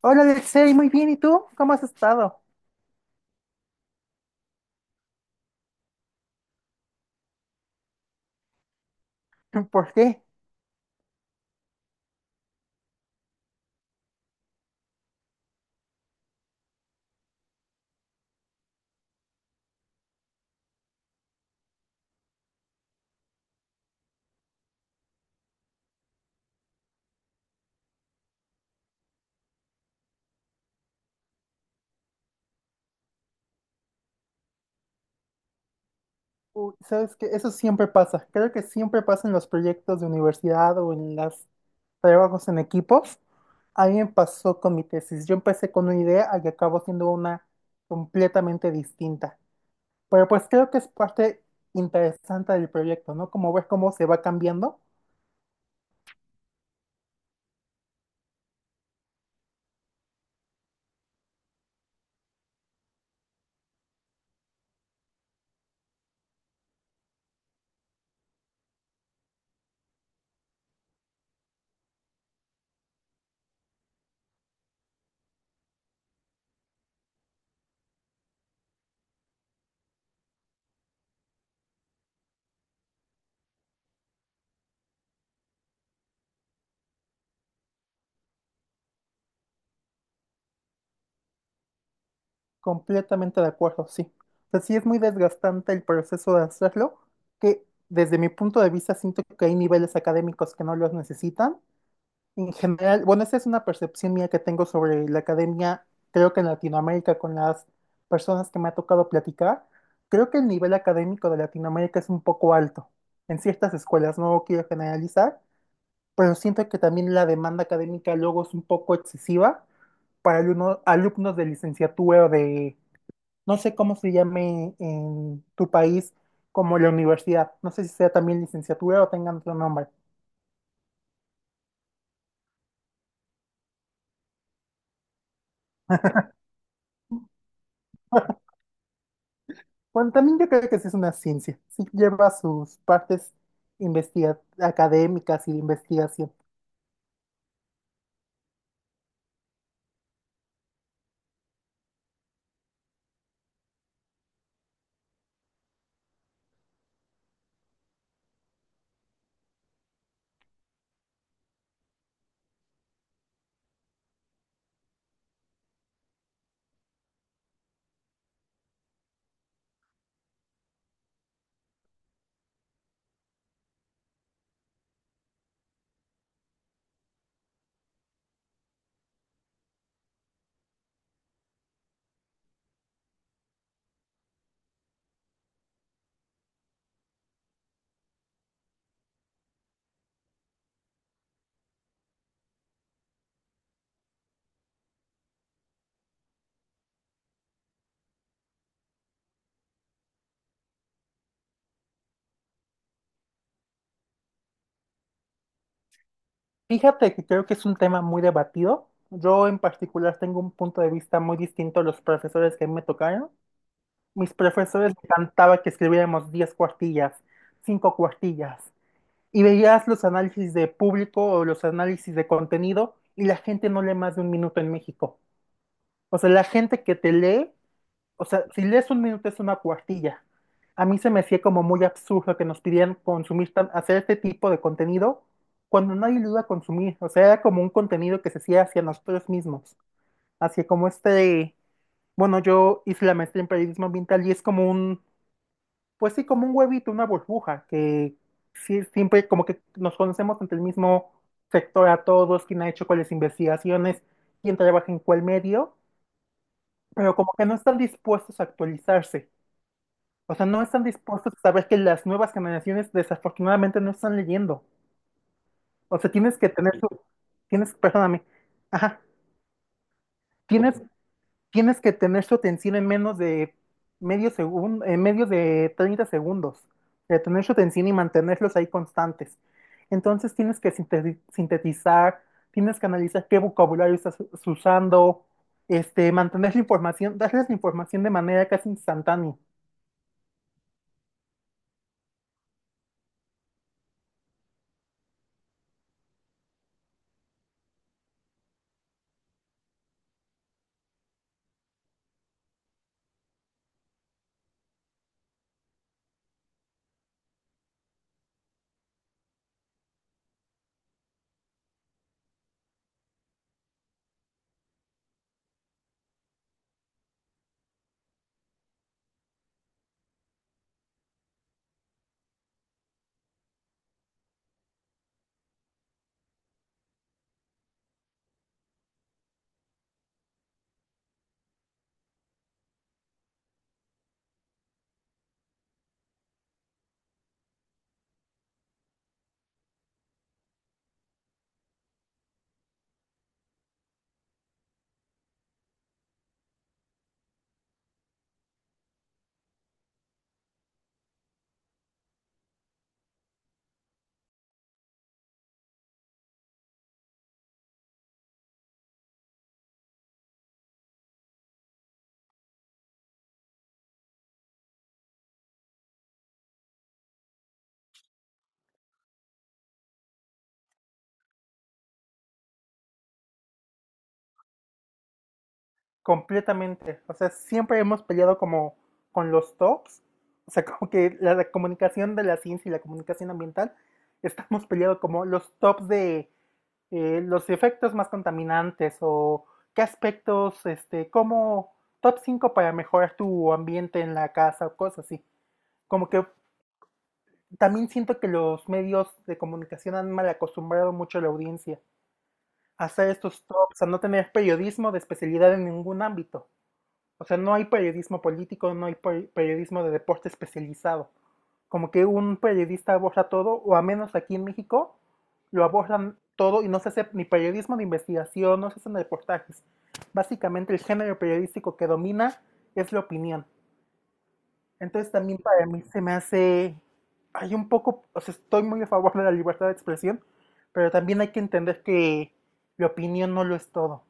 Hola, Alexei, muy bien. ¿Y tú? ¿Cómo has estado? ¿Por qué? Uy, sabes que eso siempre pasa. Creo que siempre pasa en los proyectos de universidad o en los trabajos en equipos. A mí me pasó con mi tesis. Yo empecé con una idea y acabó siendo una completamente distinta. Pero pues creo que es parte interesante del proyecto, ¿no? Como ver cómo se va cambiando. Completamente de acuerdo, sí. O sea, sí es muy desgastante el proceso de hacerlo, que desde mi punto de vista siento que hay niveles académicos que no los necesitan. En general, bueno, esa es una percepción mía que tengo sobre la academia, creo que en Latinoamérica, con las personas que me ha tocado platicar, creo que el nivel académico de Latinoamérica es un poco alto en ciertas escuelas, no quiero generalizar, pero siento que también la demanda académica luego es un poco excesiva para alumnos de licenciatura o de no sé cómo se llame en tu país, como la universidad. No sé si sea también licenciatura o tengan otro nombre. Bueno, también yo creo que sí es una ciencia. Sí lleva sus partes académicas y de investigación. Fíjate que creo que es un tema muy debatido. Yo en particular tengo un punto de vista muy distinto a los profesores que a mí me tocaron. Mis profesores me cantaba que escribiéramos 10 cuartillas, 5 cuartillas. Y veías los análisis de público o los análisis de contenido, y la gente no lee más de un minuto en México. O sea, la gente que te lee, o sea, si lees un minuto es una cuartilla. A mí se me hacía como muy absurdo que nos pidieran consumir, hacer este tipo de contenido cuando nadie lo iba a consumir. O sea, era como un contenido que se hacía hacia nosotros mismos. Hacia como este, bueno, yo hice la maestría en periodismo ambiental y es como un, pues sí, como un huevito, una burbuja, que sí, siempre como que nos conocemos entre el mismo sector a todos, quién ha hecho cuáles investigaciones, quién trabaja en cuál medio, pero como que no están dispuestos a actualizarse. O sea, no están dispuestos a saber que las nuevas generaciones desafortunadamente no están leyendo. O sea, tienes que tener tu, tienes, perdóname, ajá, tienes. Tienes que tener tu atención en menos de medio segundo, en medio de 30 segundos. Retener su atención y mantenerlos ahí constantes. Entonces tienes que sintetizar, tienes que analizar qué vocabulario estás usando, este, mantener la información, darles la información de manera casi instantánea, completamente. O sea, siempre hemos peleado como con los TOPS, o sea, como que la comunicación de la ciencia y la comunicación ambiental, estamos peleando como los TOPS de los efectos más contaminantes o qué aspectos, este, como top 5 para mejorar tu ambiente en la casa o cosas así. Como que también siento que los medios de comunicación han mal acostumbrado mucho a la audiencia a hacer estos tops, a no tener periodismo de especialidad en ningún ámbito. O sea, no hay periodismo político, no hay periodismo de deporte especializado. Como que un periodista aborda todo, o a menos aquí en México, lo abordan todo y no se hace ni periodismo ni investigación, no se hacen reportajes. Básicamente el género periodístico que domina es la opinión. Entonces también para mí se me hace, hay un poco, o sea, estoy muy a favor de la libertad de expresión, pero también hay que entender que la opinión no lo es todo.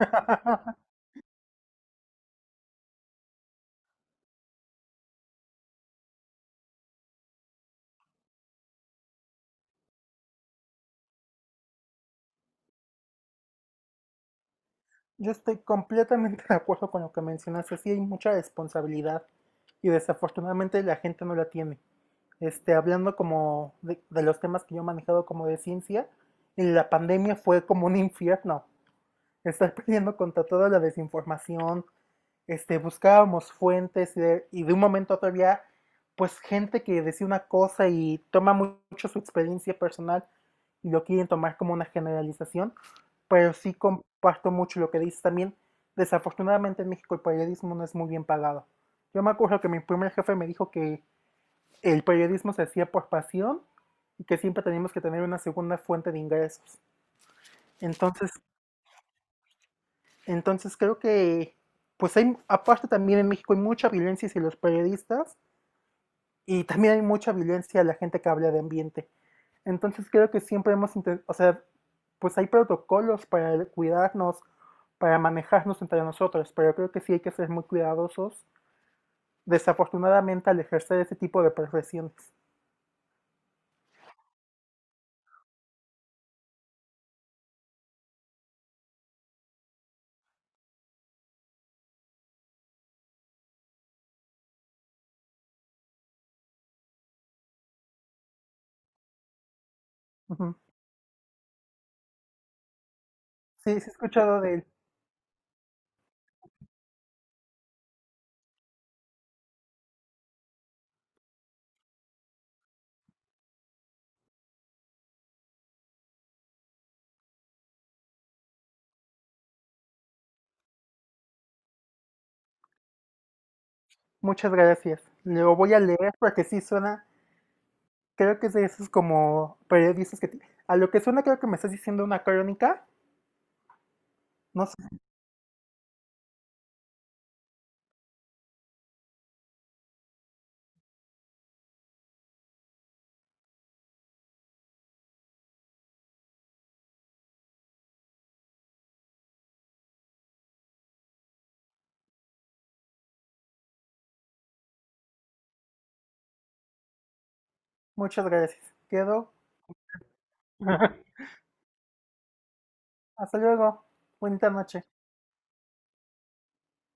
Yo estoy completamente de acuerdo con lo que mencionaste. Sí hay mucha responsabilidad y desafortunadamente la gente no la tiene. Este, hablando como de los temas que yo he manejado como de ciencia, la pandemia fue como un infierno. Estar peleando contra toda la desinformación, este, buscábamos fuentes y de un momento a otro había pues gente que decía una cosa y toma mucho su experiencia personal y lo quieren tomar como una generalización, pero sí comparto mucho lo que dices también. Desafortunadamente en México el periodismo no es muy bien pagado. Yo me acuerdo que mi primer jefe me dijo que el periodismo se hacía por pasión y que siempre teníamos que tener una segunda fuente de ingresos. Entonces, Entonces creo que, pues hay, aparte también en México hay mucha violencia hacia los periodistas y también hay mucha violencia a la gente que habla de ambiente. Entonces creo que siempre hemos intentado, o sea, pues hay protocolos para cuidarnos, para manejarnos entre nosotros, pero creo que sí hay que ser muy cuidadosos, desafortunadamente, al ejercer ese tipo de profesiones. Ujú. Sí, sí he escuchado de él. Muchas gracias. Lo voy a leer porque sí suena, creo que es de esos como periodistas que... te- a lo que suena creo que me estás diciendo una crónica. No sé. Muchas gracias. Quedo. Hasta luego. Bonita noche.